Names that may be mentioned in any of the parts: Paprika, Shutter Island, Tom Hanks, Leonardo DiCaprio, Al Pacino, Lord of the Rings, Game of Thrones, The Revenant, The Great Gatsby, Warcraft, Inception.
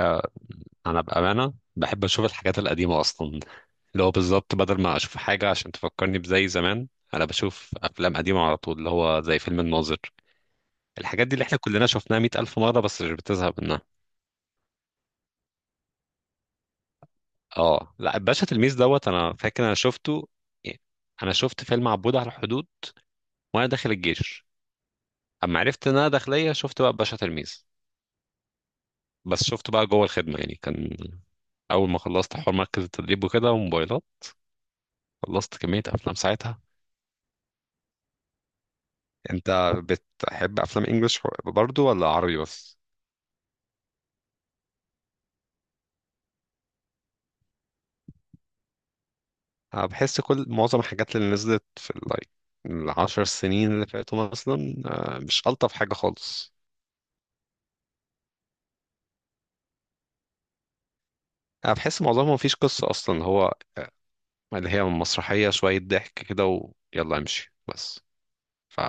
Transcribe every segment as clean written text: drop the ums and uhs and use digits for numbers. آه، انا بامانه بحب اشوف الحاجات القديمه اصلا. اللي هو بالظبط بدل ما اشوف حاجه عشان تفكرني بزي زمان، انا بشوف افلام قديمه على طول اللي هو زي فيلم الناظر. الحاجات دي اللي احنا كلنا شفناها 100 الف مره بس مش بتزهق منها. اه لا، الباشا تلميذ دوت انا فاكر انا شفته، يعني. انا شفت فيلم عبود على الحدود وانا داخل الجيش. اما عرفت ان انا داخليه شفت بقى الباشا تلميذ. بس شفته بقى جوه الخدمه، يعني كان اول ما خلصت حوار مركز التدريب وكده وموبايلات خلصت كميه افلام ساعتها. انت بتحب افلام انجلش برضو ولا عربي بس؟ أنا بحس كل معظم الحاجات اللي نزلت في اللايك ال10 سنين اللي فاتوا مثلا مش الطف حاجه خالص. انا بحس معظمهم مفيش قصه اصلا هو، اللي هي مسرحيه شويه ضحك كده ويلا امشي بس. ف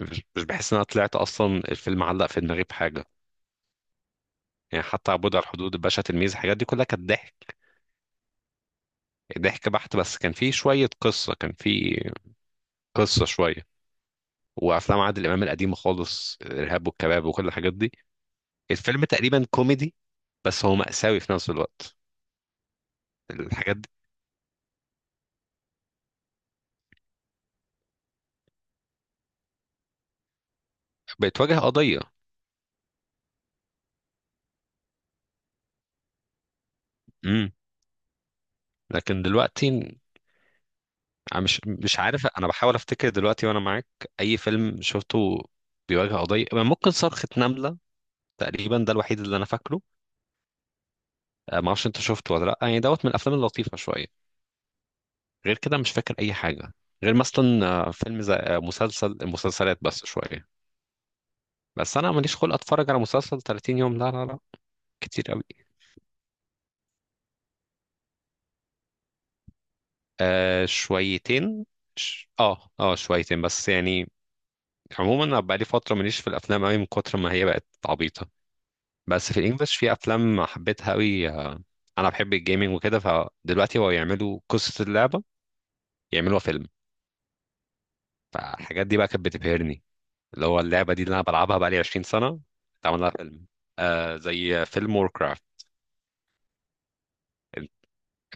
مش بحس ان انا طلعت اصلا الفيلم علق في دماغي بحاجه. يعني حتى عبود على الحدود، الباشا تلميذ، الحاجات دي كلها كانت ضحك. ضحك بحت بس كان فيه شويه قصه، كان فيه قصه شويه. وافلام عادل امام القديمه خالص، الارهاب والكباب وكل الحاجات دي. الفيلم تقريبا كوميدي بس هو مأساوي في نفس الوقت. الحاجات دي بتواجه قضيه. امم لكن دلوقتي أنا مش عارف، انا بحاول افتكر دلوقتي وانا معاك اي فيلم شفته بيواجه قضيه. ممكن صرخه نمله، تقريبا ده الوحيد اللي انا فاكره. ما اعرفش انت شفته ولا لا، يعني دوت من الافلام اللطيفه شويه. غير كده مش فاكر اي حاجه، غير مثلا فيلم زي مسلسل المسلسلات بس شويه. بس انا ماليش خلق اتفرج على مسلسل 30 يوم، لا لا لا، كتير قوي. آه شويتين. اه اه شويتين بس، يعني عموما انا بقالي فتره ماليش في الافلام قوي من كتر ما هي بقت عبيطه. بس في الانجليش في افلام حبيتها قوي. انا بحب الجيمنج وكده، فدلوقتي هو يعملوا قصه اللعبه يعملوها فيلم. فالحاجات دي بقى كانت بتبهرني، اللي هو اللعبه دي اللي انا بلعبها بقالي 20 سنه اتعمل لها فيلم. آه زي فيلم ووركرافت.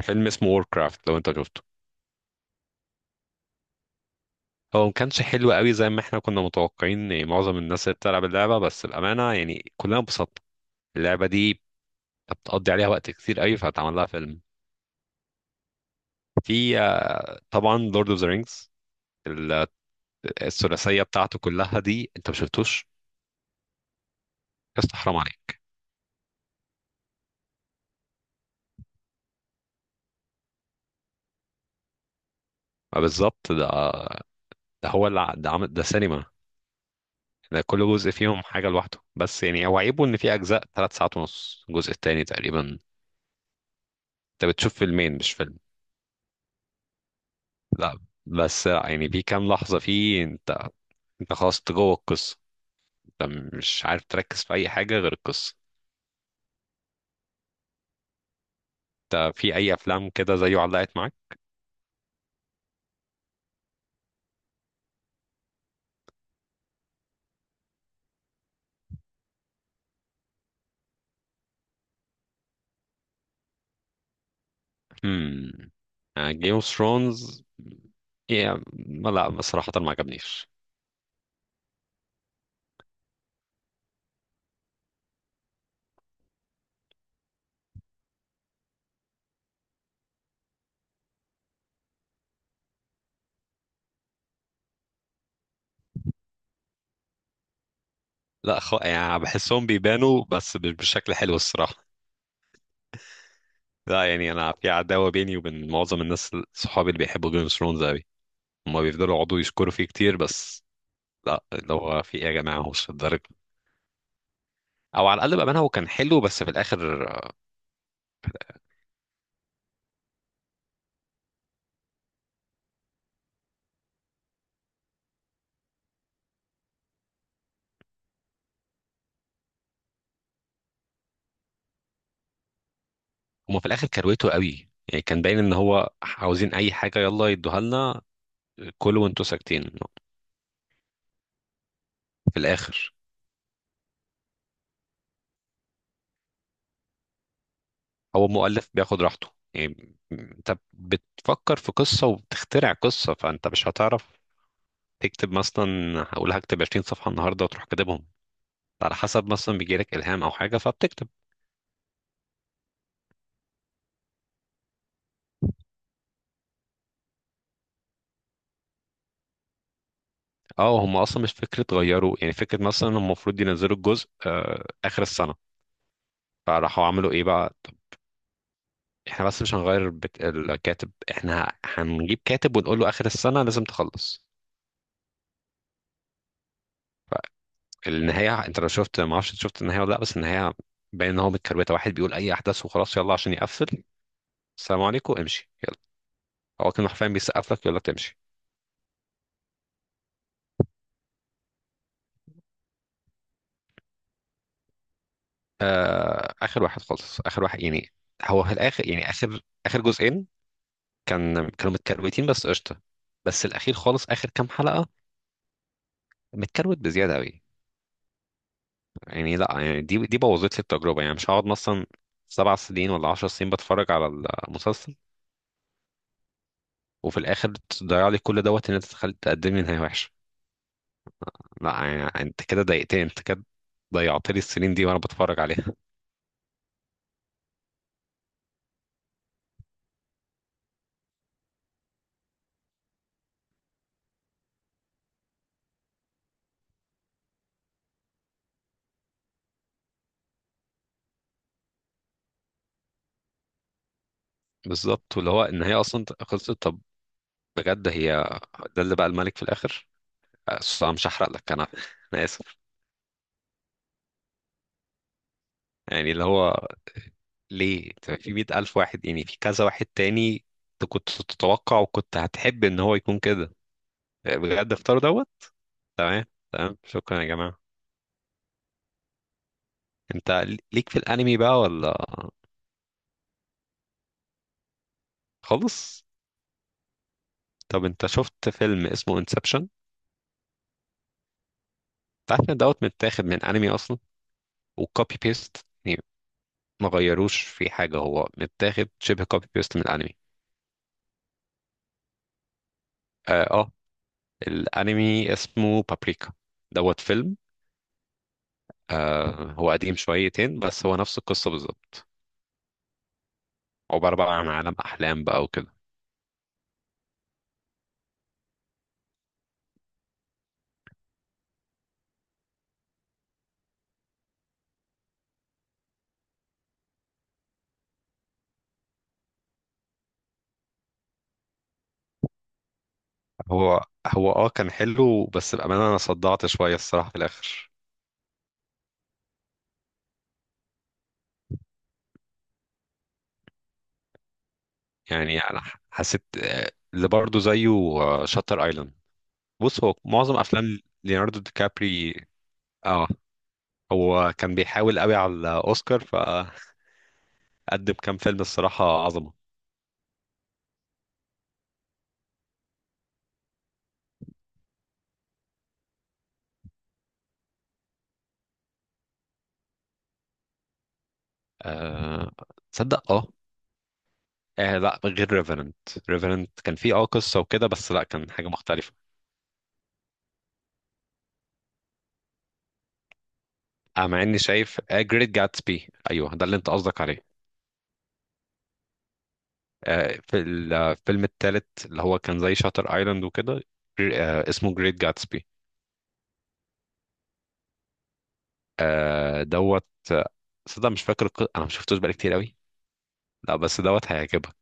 فيلم اسمه ووركرافت، لو انت شفته هو ما كانش حلو قوي زي ما احنا كنا متوقعين، يعني معظم الناس اللي بتلعب اللعبة بس الأمانة يعني كلنا انبسطنا. اللعبة دي بتقضي عليها وقت كتير قوي فهتعمل لها فيلم. في، طبعا لورد اوف ذا رينجز، الثلاثية بتاعته كلها دي انت ما شفتوش؟ بس حرام عليك. ما بالظبط ده، ده هو اللي ده عمل، ده سينما. ده كل جزء فيهم حاجة لوحده، بس يعني هو عيبه ان في أجزاء 3 ساعات ونص، الجزء التاني تقريبا انت بتشوف فيلمين مش فيلم. لا بس يعني في كام لحظة فيه انت خلاص، انت جوه القصه، انت مش عارف تركز في اي حاجه غير القصه. انت في اي افلام كده زيه علقت معاك؟ هم جيم اوف ثرونز لا بصراحه ما عجبنيش. لا يعني بحسهم بيبانوا بس مش بشكل حلو الصراحه. لا يعني انا في عداوه بيني وبين معظم الناس، صحابي اللي بيحبوا جيم اوف ثرونز قوي، هما بيفضلوا يقعدوا يشكروا فيه كتير بس لا، اللي هو في ايه يا جماعه، هو مش الدرجه. او على الاقل بامانه هو كان حلو بس في الاخر، هما في الاخر كرويته قوي، يعني كان باين ان هو عاوزين اي حاجه يلا يدوها لنا، كلوا وانتوا ساكتين. في الاخر. هو مؤلف بياخد راحته، يعني انت بتفكر في قصه وبتخترع قصه فانت مش هتعرف تكتب مثلا، هقول هكتب 20 صفحه النهارده وتروح كاتبهم، على حسب مثلا بيجي لك الهام او حاجه فبتكتب. اه، هم اصلا مش فكره غيروا، يعني فكره مثلا هم المفروض ينزلوا الجزء اخر السنه، فراحوا عملوا ايه بقى؟ احنا بس مش هنغير الكاتب، احنا هنجيب كاتب ونقول له اخر السنه لازم تخلص. فالنهايه انت لو شفت، ما اعرفش شفت النهايه ولا لا، بس النهايه باين ان هو متكروته، واحد بيقول اي احداث وخلاص يلا عشان يقفل، السلام عليكم امشي يلا. هو كان حرفيا بيسقف لك يقول لك تمشي. اخر واحد خالص، اخر واحد يعني. هو في الاخر يعني اخر، اخر جزئين كانوا متكروتين بس قشطه، بس الاخير خالص اخر كام حلقه متكروت بزياده قوي. يعني لا، يعني دي بوظت لي التجربه، يعني مش هقعد مثلا 7 سنين ولا 10 سنين بتفرج على المسلسل وفي الاخر تضيع لي كل دوت ان انت تخلي تقدم لي نهايه وحشه. لا يعني انت كده ضايقتني، انت كده ضيعت لي السنين دي وانا بتفرج عليها. بالظبط، واللي هو النهايه اصلا خلصت، طب بجد هي ده اللي بقى الملك في الاخر؟ أصل انا مش هحرق لك، انا اسف. يعني اللي هو ليه أنت في 100 الف واحد، يعني في كذا واحد تاني أنت كنت تتوقع وكنت هتحب ان هو يكون كده، بجد اختار دوت. تمام، تمام شكرا يا جماعة. انت ليك في الانمي بقى ولا؟ خالص؟ طب انت شفت فيلم اسمه انسبشن؟ انت عارف ان دوت متاخد من انمي اصلا وكوبي بيست، يعني ما غيروش في حاجة هو متاخد شبه كوبي بيست من الانمي. اه, آه، الانمي اسمه بابريكا دوت فيلم. آه هو قديم شويتين بس هو نفس القصة بالظبط. عبارة بقى عن عالم احلام بقى وكده. هو هو اه كان حلو بس بأمانة انا صدعت شوية الصراحة في الآخر. يعني انا حسيت، اللي برضه زيه شاتر ايلاند. بص هو معظم افلام ليوناردو دي كابري. اه هو كان بيحاول قوي على الاوسكار فقدم كام فيلم الصراحة عظمة. آه، تصدق، اه. آه لا، غير ريفرنت. ريفرنت كان فيه قصة وكده، بس لا كان حاجة مختلفة. آه مع اني شايف جريت جاتسبي، ايوه ده اللي انت قصدك عليه. في الفيلم الثالث اللي هو كان زي شاتر ايلاند وكده، اسمه جريت جاتسبي. دوت. آه، صدق مش فاكر، انا ما شفتوش بقالي كتير قوي. لا بس دوت هيعجبك.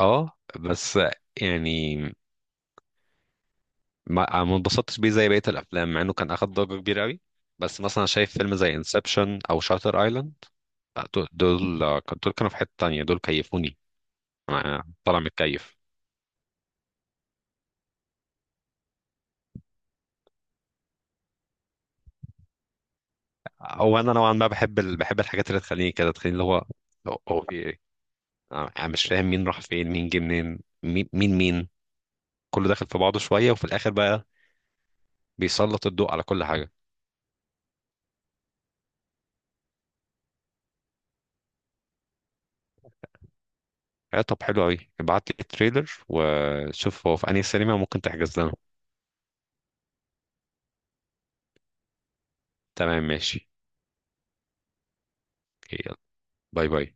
اه بس، يعني ما اتبسطتش بيه زي بقية الافلام، مع انه كان اخد ضجة كبيرة قوي. بس مثلا شايف فيلم زي انسبشن او شاتر ايلاند، دول دول كانوا في حتة تانية، دول كيفوني. انا طالع متكيف. هو انا نوعا ما بحب بحب الحاجات اللي تخليني كده، تخليني اللي هو هو انا مش فاهم مين راح فين مين جه منين مين مين مين، كله داخل في بعضه شويه وفي الاخر بقى بيسلط الضوء على كل حاجه. آه طب حلو قوي، ابعت لي التريلر وشوف هو في انهي سينما ممكن تحجز لنا. تمام ماشي. أوكي، يلا. باي باي.